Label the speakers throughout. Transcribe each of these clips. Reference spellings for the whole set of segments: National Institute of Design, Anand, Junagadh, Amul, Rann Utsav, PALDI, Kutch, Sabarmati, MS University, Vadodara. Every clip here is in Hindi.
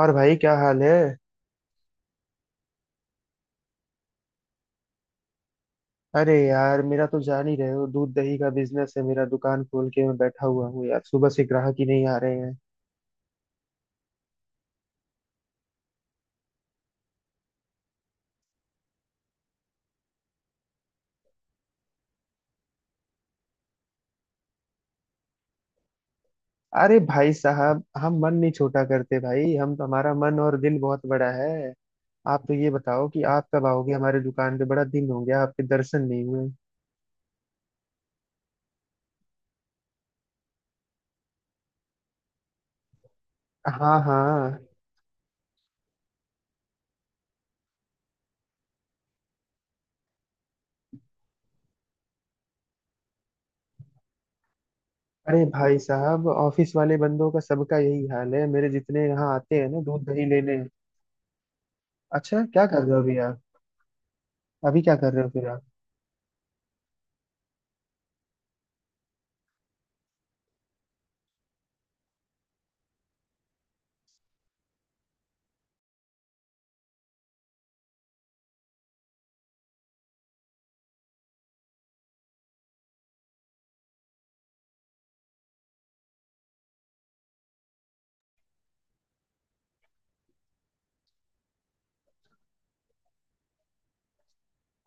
Speaker 1: और भाई क्या हाल है। अरे यार, मेरा तो जान ही रहे हो, दूध दही का बिजनेस है मेरा। दुकान खोल के मैं बैठा हुआ हूँ यार, सुबह से ग्राहक ही नहीं आ रहे हैं। अरे भाई साहब, हम मन नहीं छोटा करते भाई, हमारा मन और दिल बहुत बड़ा है। आप तो ये बताओ कि आप कब आओगे हमारे दुकान पे, बड़ा दिन हो गया आपके दर्शन नहीं हुए। हाँ हाँ। अरे भाई साहब, ऑफिस वाले बंदों का सबका यही हाल है, मेरे जितने यहाँ आते हैं ना दूध दही लेने। अच्छा, क्या कर रहे हो अभी आप? अभी क्या कर रहे हो फिर आप?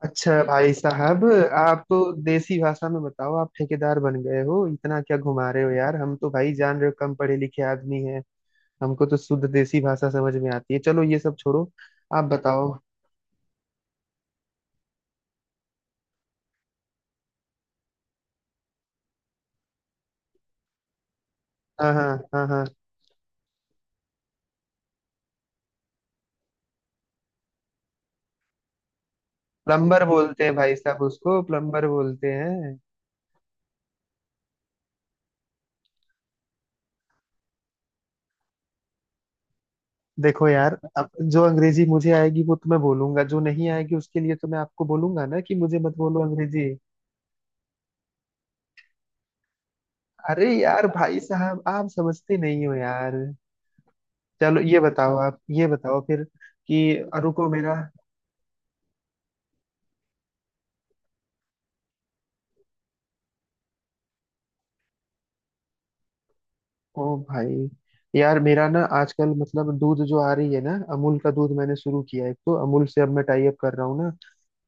Speaker 1: अच्छा भाई साहब, आप तो देसी भाषा में बताओ, आप ठेकेदार बन गए हो, इतना क्या घुमा रहे हो यार। हम तो भाई जान रहे हो, कम पढ़े लिखे आदमी हैं। हमको तो शुद्ध देसी भाषा समझ में आती है। चलो ये सब छोड़ो, आप बताओ। हाँ हाँ। हाँ हाँ। प्लम्बर बोलते हैं भाई साहब उसको, प्लम्बर बोलते हैं। देखो यार, अब जो अंग्रेजी मुझे आएगी वो तुम्हें बोलूंगा, जो नहीं आएगी उसके लिए तो मैं आपको बोलूंगा ना कि मुझे मत बोलो अंग्रेजी। अरे यार भाई साहब, आप समझते नहीं हो यार। चलो ये बताओ, आप ये बताओ फिर कि रुको मेरा। ओ भाई, यार मेरा ना आजकल मतलब दूध जो आ रही है ना, अमूल का दूध मैंने शुरू किया है, तो अमूल से अब मैं टाई अप कर रहा हूँ ना।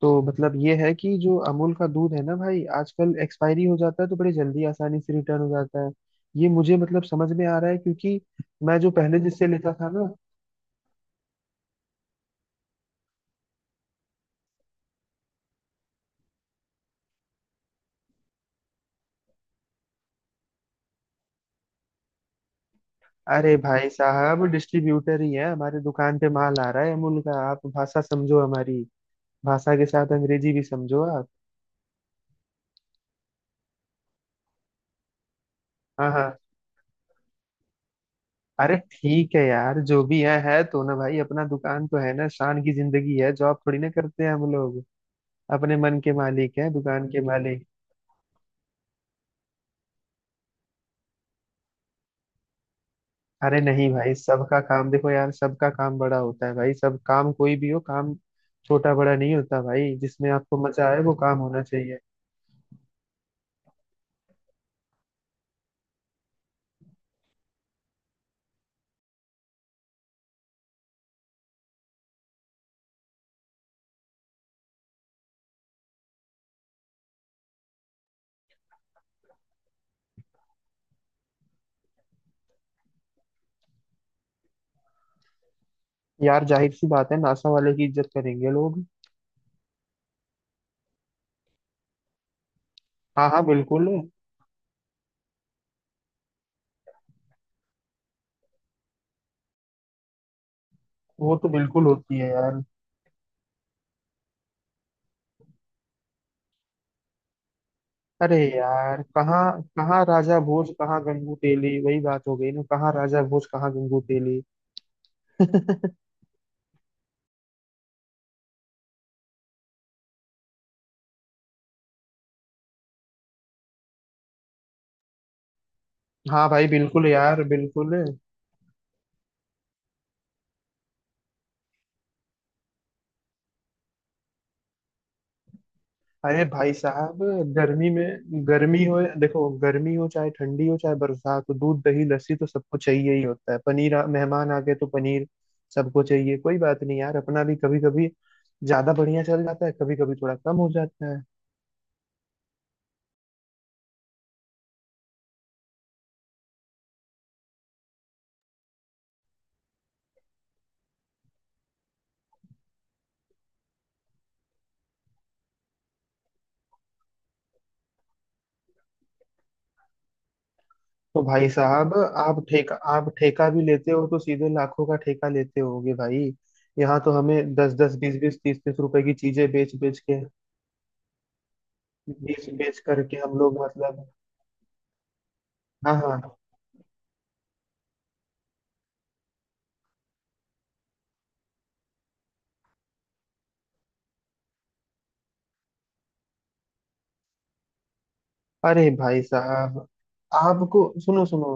Speaker 1: तो मतलब ये है कि जो अमूल का दूध है ना भाई, आजकल एक्सपायरी हो जाता है तो बड़ी जल्दी आसानी से रिटर्न हो जाता है। ये मुझे मतलब समझ में आ रहा है, क्योंकि मैं जो पहले जिससे लेता था ना। अरे भाई साहब, डिस्ट्रीब्यूटर ही है, हमारे दुकान पे माल आ रहा है अमूल का। आप भाषा समझो हमारी, भाषा के साथ अंग्रेजी भी समझो आप। हाँ हाँ। अरे ठीक है यार, जो भी है तो ना भाई, अपना दुकान तो है ना। शान की जिंदगी है, जॉब थोड़ी ना करते हैं हम लोग। अपने मन के मालिक हैं, दुकान के मालिक। अरे नहीं भाई, सबका काम देखो यार, सबका काम बड़ा होता है भाई, सब काम कोई भी हो, काम छोटा बड़ा नहीं होता भाई, जिसमें आपको मजा आए वो काम होना चाहिए। यार जाहिर सी बात है, नासा वाले की इज्जत करेंगे लोग। हाँ हाँ, बिल्कुल। वो तो बिल्कुल होती है यार। अरे यार, कहाँ! कहाँ राजा भोज कहाँ गंगू तेली, वही बात हो गई ना, कहाँ राजा भोज कहाँ गंगू तेली। हाँ भाई बिल्कुल यार, बिल्कुल। अरे भाई साहब, गर्मी में, गर्मी हो, देखो गर्मी हो चाहे ठंडी हो चाहे बरसात हो, दूध दही लस्सी तो सबको चाहिए ही होता है। पनीर मेहमान आ गए तो पनीर सबको चाहिए, कोई बात नहीं यार। अपना भी कभी कभी ज्यादा बढ़िया चल जाता है, कभी कभी थोड़ा कम हो जाता है। तो भाई साहब, आप ठेका भी लेते हो तो सीधे लाखों का ठेका लेते होगे भाई। यहाँ तो हमें दस दस बीस बीस तीस तीस रुपए की चीजें बेच बेच के, बेच बेच करके हम लोग मतलब। हाँ हाँ। अरे भाई साहब, आपको सुनो सुनो।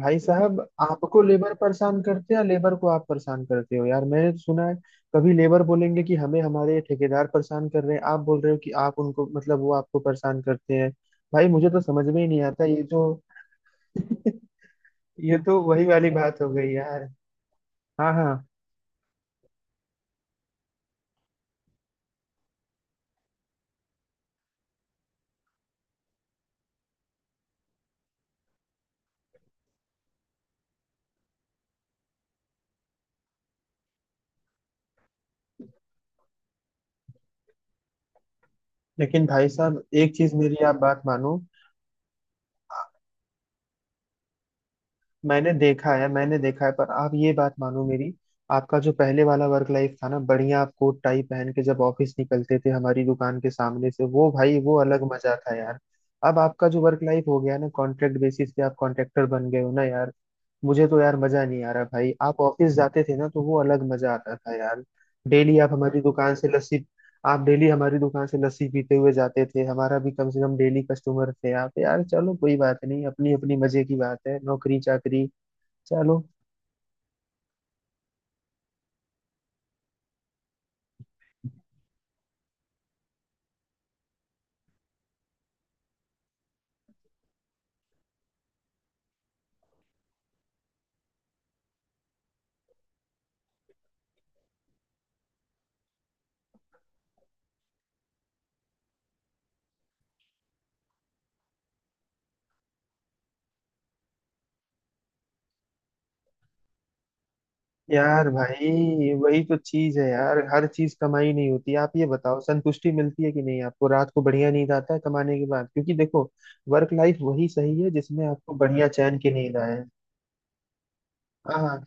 Speaker 1: भाई साहब, आपको लेबर परेशान करते हैं या लेबर को आप परेशान करते हो यार? मैंने तो सुना है, कभी लेबर बोलेंगे कि हमें हमारे ठेकेदार परेशान कर रहे हैं, आप बोल रहे हो कि आप उनको, मतलब वो आपको परेशान करते हैं। भाई मुझे तो समझ में ही नहीं आता ये जो। ये तो वही वाली बात हो गई यार। हाँ हाँ। लेकिन भाई साहब, एक चीज मेरी आप बात मानो। मैंने देखा है, मैंने देखा है, पर आप ये बात मानो मेरी। आपका जो पहले वाला वर्क लाइफ था ना, बढ़िया। आप कोट टाई पहन के जब ऑफिस निकलते थे हमारी दुकान के सामने से, वो भाई वो अलग मजा था यार। अब आपका जो वर्क लाइफ हो गया ना, कॉन्ट्रैक्ट बेसिस पे, आप कॉन्ट्रैक्टर बन गए हो ना यार। मुझे तो यार मजा नहीं आ रहा भाई। आप ऑफिस जाते थे ना, तो वो अलग मजा आता था यार। डेली आप हमारी दुकान से लस्सी। आप डेली हमारी दुकान से लस्सी पीते हुए जाते थे, हमारा भी कम से कम डेली कस्टमर थे आप यार। चलो, कोई बात नहीं, अपनी अपनी मजे की बात है, नौकरी चाकरी। चलो। यार भाई वही तो चीज है यार, हर चीज कमाई नहीं होती। आप ये बताओ, संतुष्टि मिलती है कि नहीं आपको? रात को बढ़िया नींद आता है कमाने के बाद? क्योंकि देखो, वर्क लाइफ वही सही है जिसमें आपको बढ़िया चैन की नींद आए। हाँ।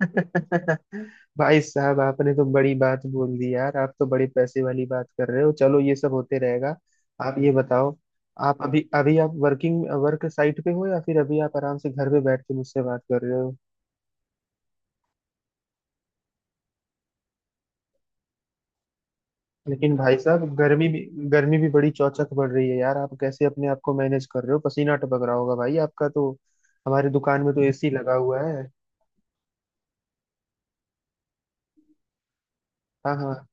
Speaker 1: भाई साहब, आपने तो बड़ी बात बोल दी यार, आप तो बड़े पैसे वाली बात कर रहे हो। चलो, ये सब होते रहेगा। आप ये बताओ, आप अभी अभी आप वर्क साइट पे हो या फिर अभी आप आराम से घर पे बैठ के मुझसे बात कर रहे हो? लेकिन भाई साहब, गर्मी भी बड़ी चौचक बढ़ रही है यार, आप कैसे अपने आप को मैनेज कर रहे हो? पसीना टपक रहा होगा भाई आपका तो। हमारे दुकान में तो एसी लगा हुआ है। हाँ हाँ।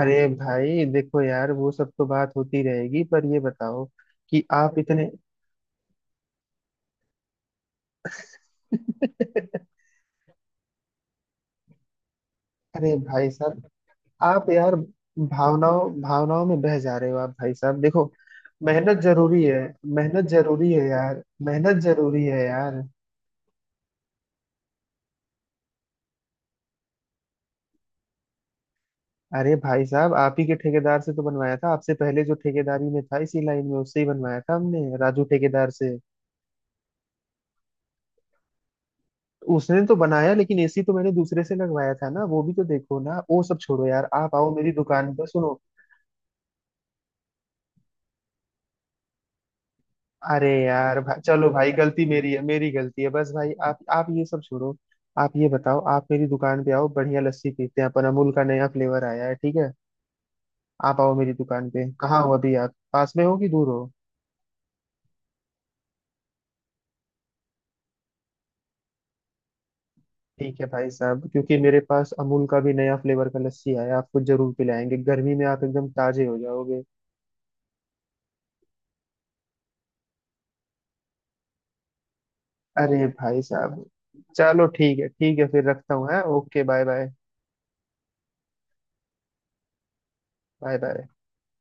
Speaker 1: अरे भाई देखो यार, वो सब तो बात होती रहेगी, पर ये बताओ कि आप इतने। अरे भाई साहब, आप यार भावनाओं भावनाओं में बह जा रहे हो। आप भाई साहब देखो, मेहनत जरूरी है, मेहनत जरूरी है यार, मेहनत जरूरी है यार। अरे भाई साहब, आप ही के ठेकेदार से तो बनवाया था। आपसे पहले जो ठेकेदारी में था इसी लाइन में, उससे ही बनवाया था हमने, राजू ठेकेदार से। उसने तो बनाया, लेकिन एसी तो मैंने दूसरे से लगवाया था ना। वो भी तो देखो ना, वो सब छोड़ो यार, आप आओ मेरी दुकान पर, सुनो। अरे यार चलो भाई, गलती मेरी है, मेरी गलती है बस भाई। आप ये सब छोड़ो। आप ये बताओ, आप मेरी दुकान पे आओ, बढ़िया लस्सी पीते हैं अपन, अमूल का नया फ्लेवर आया है, ठीक है। आप आओ मेरी दुकान पे। कहाँ हो अभी आप, पास में हो कि दूर हो? ठीक है भाई साहब, क्योंकि मेरे पास अमूल का भी नया फ्लेवर का लस्सी आया है, आपको जरूर पिलाएंगे, गर्मी में आप एकदम ताजे हो जाओगे। अरे भाई साहब, चलो ठीक है, ठीक है, फिर रखता हूँ है, okay, bye bye. Bye bye.